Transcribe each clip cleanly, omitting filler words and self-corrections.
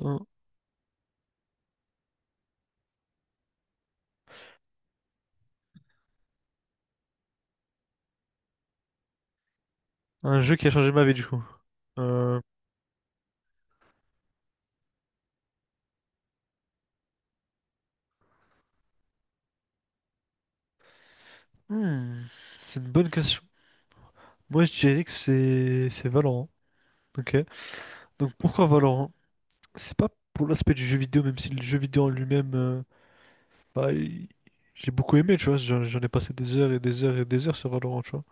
Un, un jeu qui a changé ma vie, du coup. Euh, hmm, c'est une bonne question. Moi, je dirais que c'est Valorant. Ok. Donc, pourquoi Valorant? C'est pas pour l'aspect du jeu vidéo, même si le jeu vidéo en lui-même, bah, il- j'ai beaucoup aimé, tu vois. J'en ai passé des heures et des heures et des heures sur Valorant, tu vois.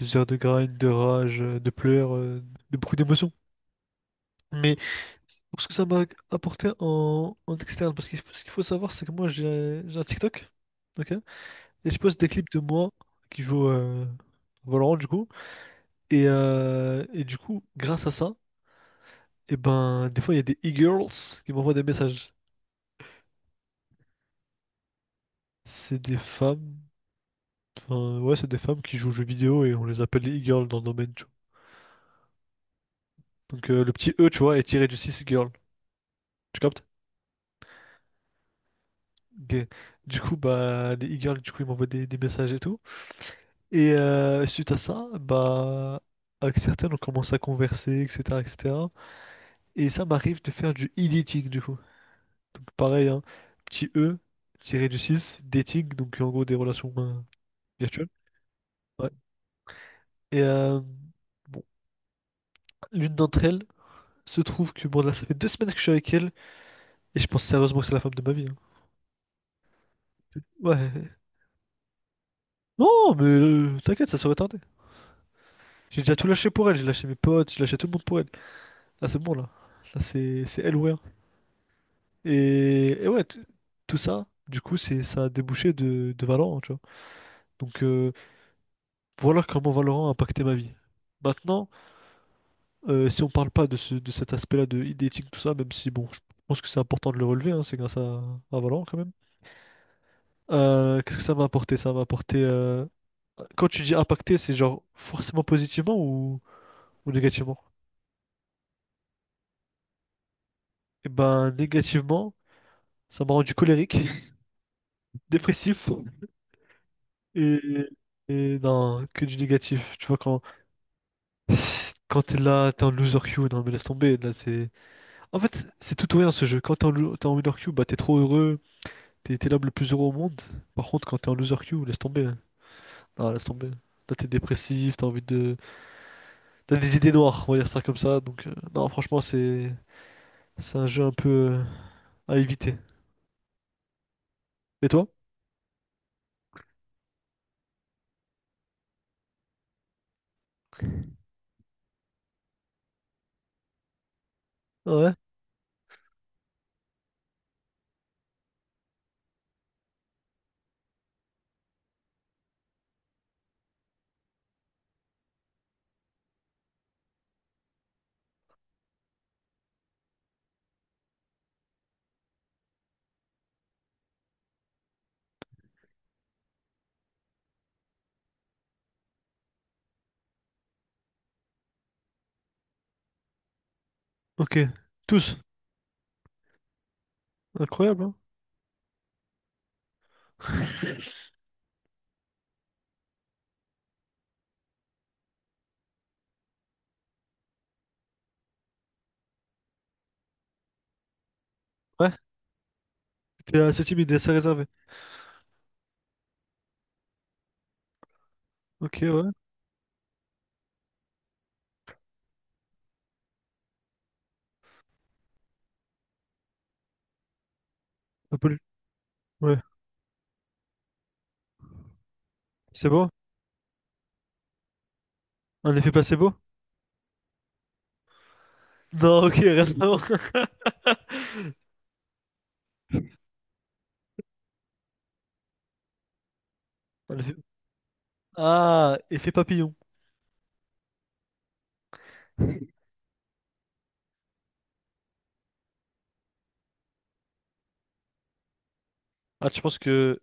Des heures de grind, de rage, de pleurs, de beaucoup d'émotions. Mais pour ce que ça m'a apporté en, en externe, parce que ce qu'il faut savoir, c'est que moi, j'ai un TikTok. Ok. Et je poste des clips de moi qui joue Valorant du coup. Et du coup, grâce à ça, et ben des fois il y a des e-girls qui m'envoient des messages. C'est des femmes. Enfin ouais, c'est des femmes qui jouent aux jeux vidéo et on les appelle les e-girls dans le domaine, tu vois. Donc le petit E, tu vois, est tiré du 6 girl. Tu captes? Ok. Du coup, bah les e-girls, du coup, ils m'envoient des messages et tout. Et suite à ça, bah avec certaines, on commence à converser, etc., etc. Et cetera. Et ça m'arrive de faire du editing, du coup. Donc pareil, hein, petit E, tiré du 6 dating, donc en gros des relations virtuelles. Ouais. Et euh, bon, L'une d'entre elles se trouve que bon là ça fait 2 semaines que je suis avec elle et je pense sérieusement que c'est la femme de ma vie, hein. Ouais. Non, mais t'inquiète, ça serait tardé. J'ai déjà tout lâché pour elle, j'ai lâché mes potes, j'ai lâché tout le monde pour elle. Là c'est bon là. Là c'est elle ou rien. Et ouais, tout ça, du coup, c'est ça a débouché de Valorant, tu vois. Donc voilà comment Valorant a impacté ma vie. Maintenant. Si on parle pas de, de cet aspect-là de e tout ça, même si bon, je pense que c'est important de le relever, hein, c'est grâce à Valorant quand même. Qu'est-ce que ça va apporter? Ça va apporter, quand tu dis impacter, c'est genre forcément positivement ou négativement? Et ben, négativement, ça m'a rendu colérique, dépressif et, et non, que du négatif. Tu vois, quand, quand t'es là, t'es en loser queue, non mais laisse tomber, là c'est. En fait, c'est tout ou rien ce jeu. Quand t'es en, t'es en winner queue, bah t'es trop heureux. T'es l'homme le plus heureux au monde. Par contre, quand t'es en loser queue, laisse tomber, hein. Non, laisse tomber. Là, t'es dépressif, t'as envie de. T'as des idées noires, on va dire ça comme ça. Donc, non, franchement, c'est. C'est un jeu un peu, euh, à éviter. Et toi? Ouais. Ok. Tous. Incroyable, hein? Ouais. T'es assez timide, assez réservé. Ok, ouais. Un peu... Ouais. C'est beau? Un effet placebo? Non, ok, rien à voir. Un effet- Ah, effet papillon. Ah, tu penses que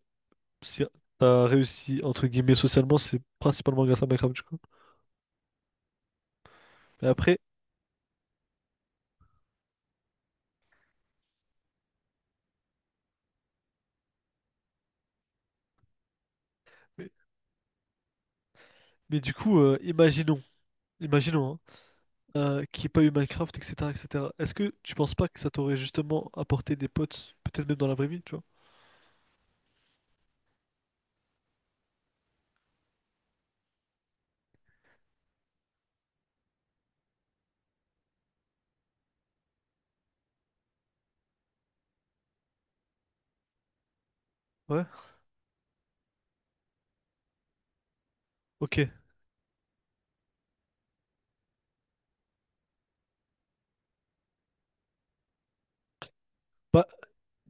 si t'as réussi, entre guillemets, socialement, c'est principalement grâce à Minecraft, du coup. Mais après, mais, mais du coup, imaginons, imaginons, hein, qu'il n'y ait pas eu Minecraft, etc., etc. Est-ce que tu penses pas que ça t'aurait justement apporté des potes, peut-être même dans la vraie vie, tu vois? Ouais? Ok. Bah,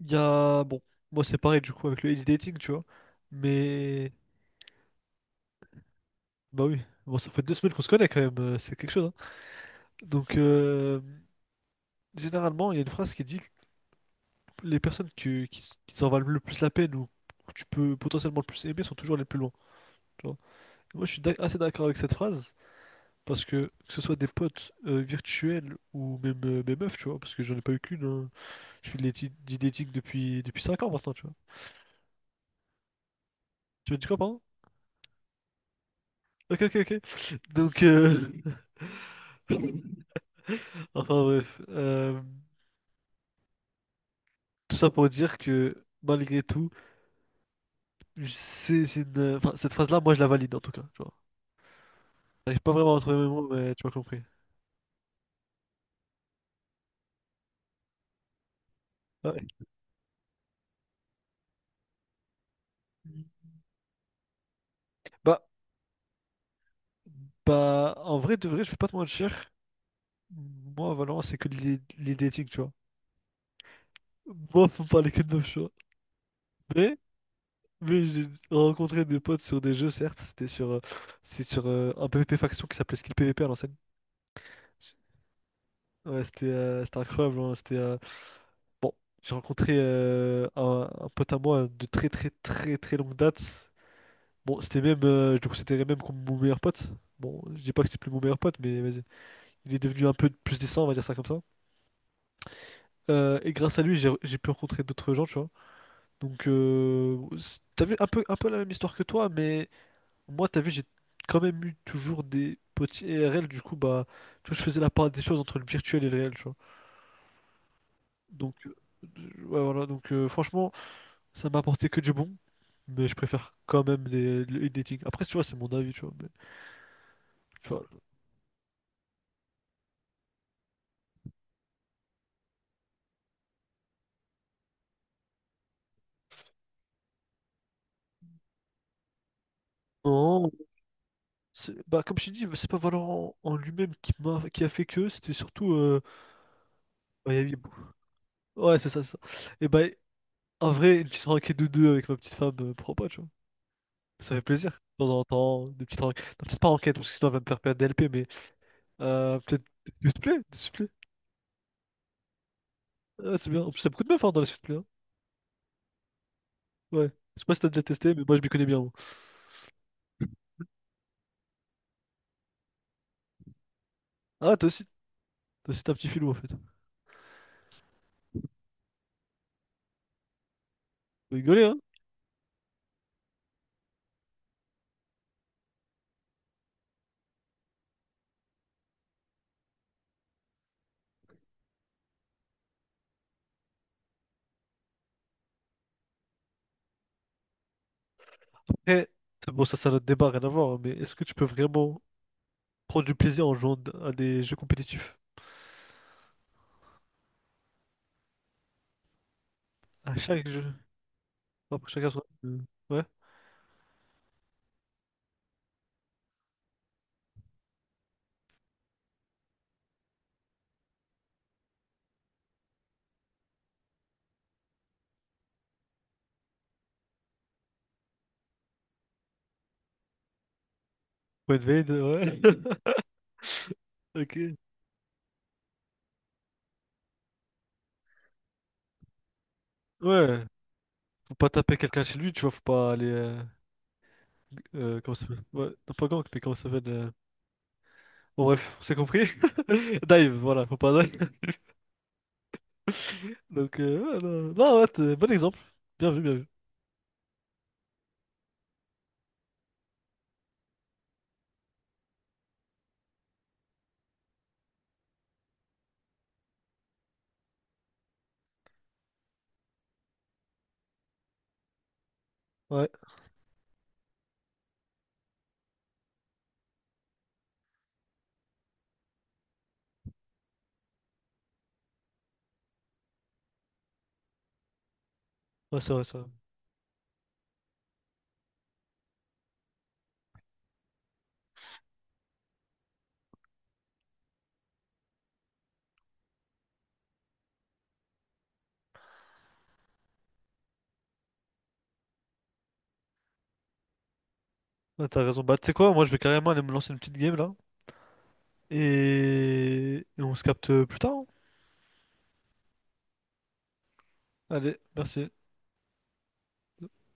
il y a... Bon, moi c'est pareil, du coup, avec le age dating, tu vois. Mais... Bah oui. Bon, ça fait 2 semaines qu'on se connaît quand même, c'est quelque chose, hein. Donc, généralement, il y a une phrase qui dit les personnes qui s'en valent le plus la peine ou que tu peux potentiellement le plus aimer sont toujours les plus loin, tu vois. Et moi, je suis assez d'accord avec cette phrase parce que ce soit des potes virtuels ou même mes meufs, tu vois, parce que j'en ai pas eu qu'une, hein. Je fais de du dating depuis 5 ans maintenant, tu vois. Tu veux dire quoi, pardon? Ok, ok, ok. Donc, enfin bref, tout ça pour dire que malgré tout, c'est cette phrase-là, moi, je la valide en tout cas, tu vois. J'arrive pas vraiment à trouver mes mots, mais tu m'as compris. Ouais. Bah, bah, en vrai, de vrai, je vais pas te mentir. Moi, à Valorant, c'est que les dating, tu vois. Moi, faut me parler que de meufs, tu vois. Mais, mais j'ai rencontré des potes sur des jeux, certes. C'est sur un PvP faction qui s'appelait Skill PvP à l'ancienne. Ouais, c'était incroyable, hein. Bon, j'ai rencontré un pote à moi de très, très, très, très longue date. Bon, c'était même, je le considérais même comme mon meilleur pote. Bon, je dis pas que c'est plus mon meilleur pote, mais vas-y. Il est devenu un peu plus décent, on va dire ça comme ça. Et grâce à lui, j'ai pu rencontrer d'autres gens, tu vois. Donc, t'as vu un peu la même histoire que toi, mais moi, t'as vu, j'ai quand même eu toujours des petits IRL. Du coup, bah, tu vois, je faisais la part des choses entre le virtuel et le réel, tu vois. Donc, ouais, voilà. Donc, franchement, ça m'a apporté que du bon, mais je préfère quand même les, le dating. Après, tu vois, c'est mon avis, tu vois. Mais, tu vois, non, bah, comme je t'ai dit, c'est pas Valorant en lui-même qui a fait que, c'était surtout, bah, il y a eu- ouais, c'est ça, c'est ça. Et bah, en vrai, une petite enquête de deux avec ma petite femme, pourquoi pas, tu vois. Ça fait plaisir, de temps en temps, des petites enquêtes. Non, peut-être pas enquête, parce que sinon elle va me faire perdre des LP, mais peut-être des supplés, des supplés. Ah, c'est bien. En plus, ça me coûte bien fort dans les supplés, hein. Ouais. Je sais pas si t'as déjà testé, mais moi je m'y connais bien, moi. Ah, toi aussi t'as un petit filou, en fait. Faut rigoler, hein. Après, c'est bon, ça, c'est un autre débat, rien à voir, hein, mais est-ce que tu peux vraiment prendre du plaisir en jouant à des jeux compétitifs? À chaque jeu. Après, chacun son... Ouais. Point de ouais. Ok. Ouais, faut pas taper quelqu'un chez lui, tu vois, faut pas aller, comment ça s'appelle? Ouais, non, pas gank, mais comment ça s'appelle? Bon, bref, on s'est compris. Dive, voilà, faut pas dive. Donc, ouais, non, non, ouais, bon exemple. Bien vu, bien vu. Ouais, ouais, c'est vrai, ça. Ouais, t'as raison. Bah, tu sais quoi, moi, je vais carrément aller me lancer une petite game là. Et on se capte plus tard, hein. Allez, merci.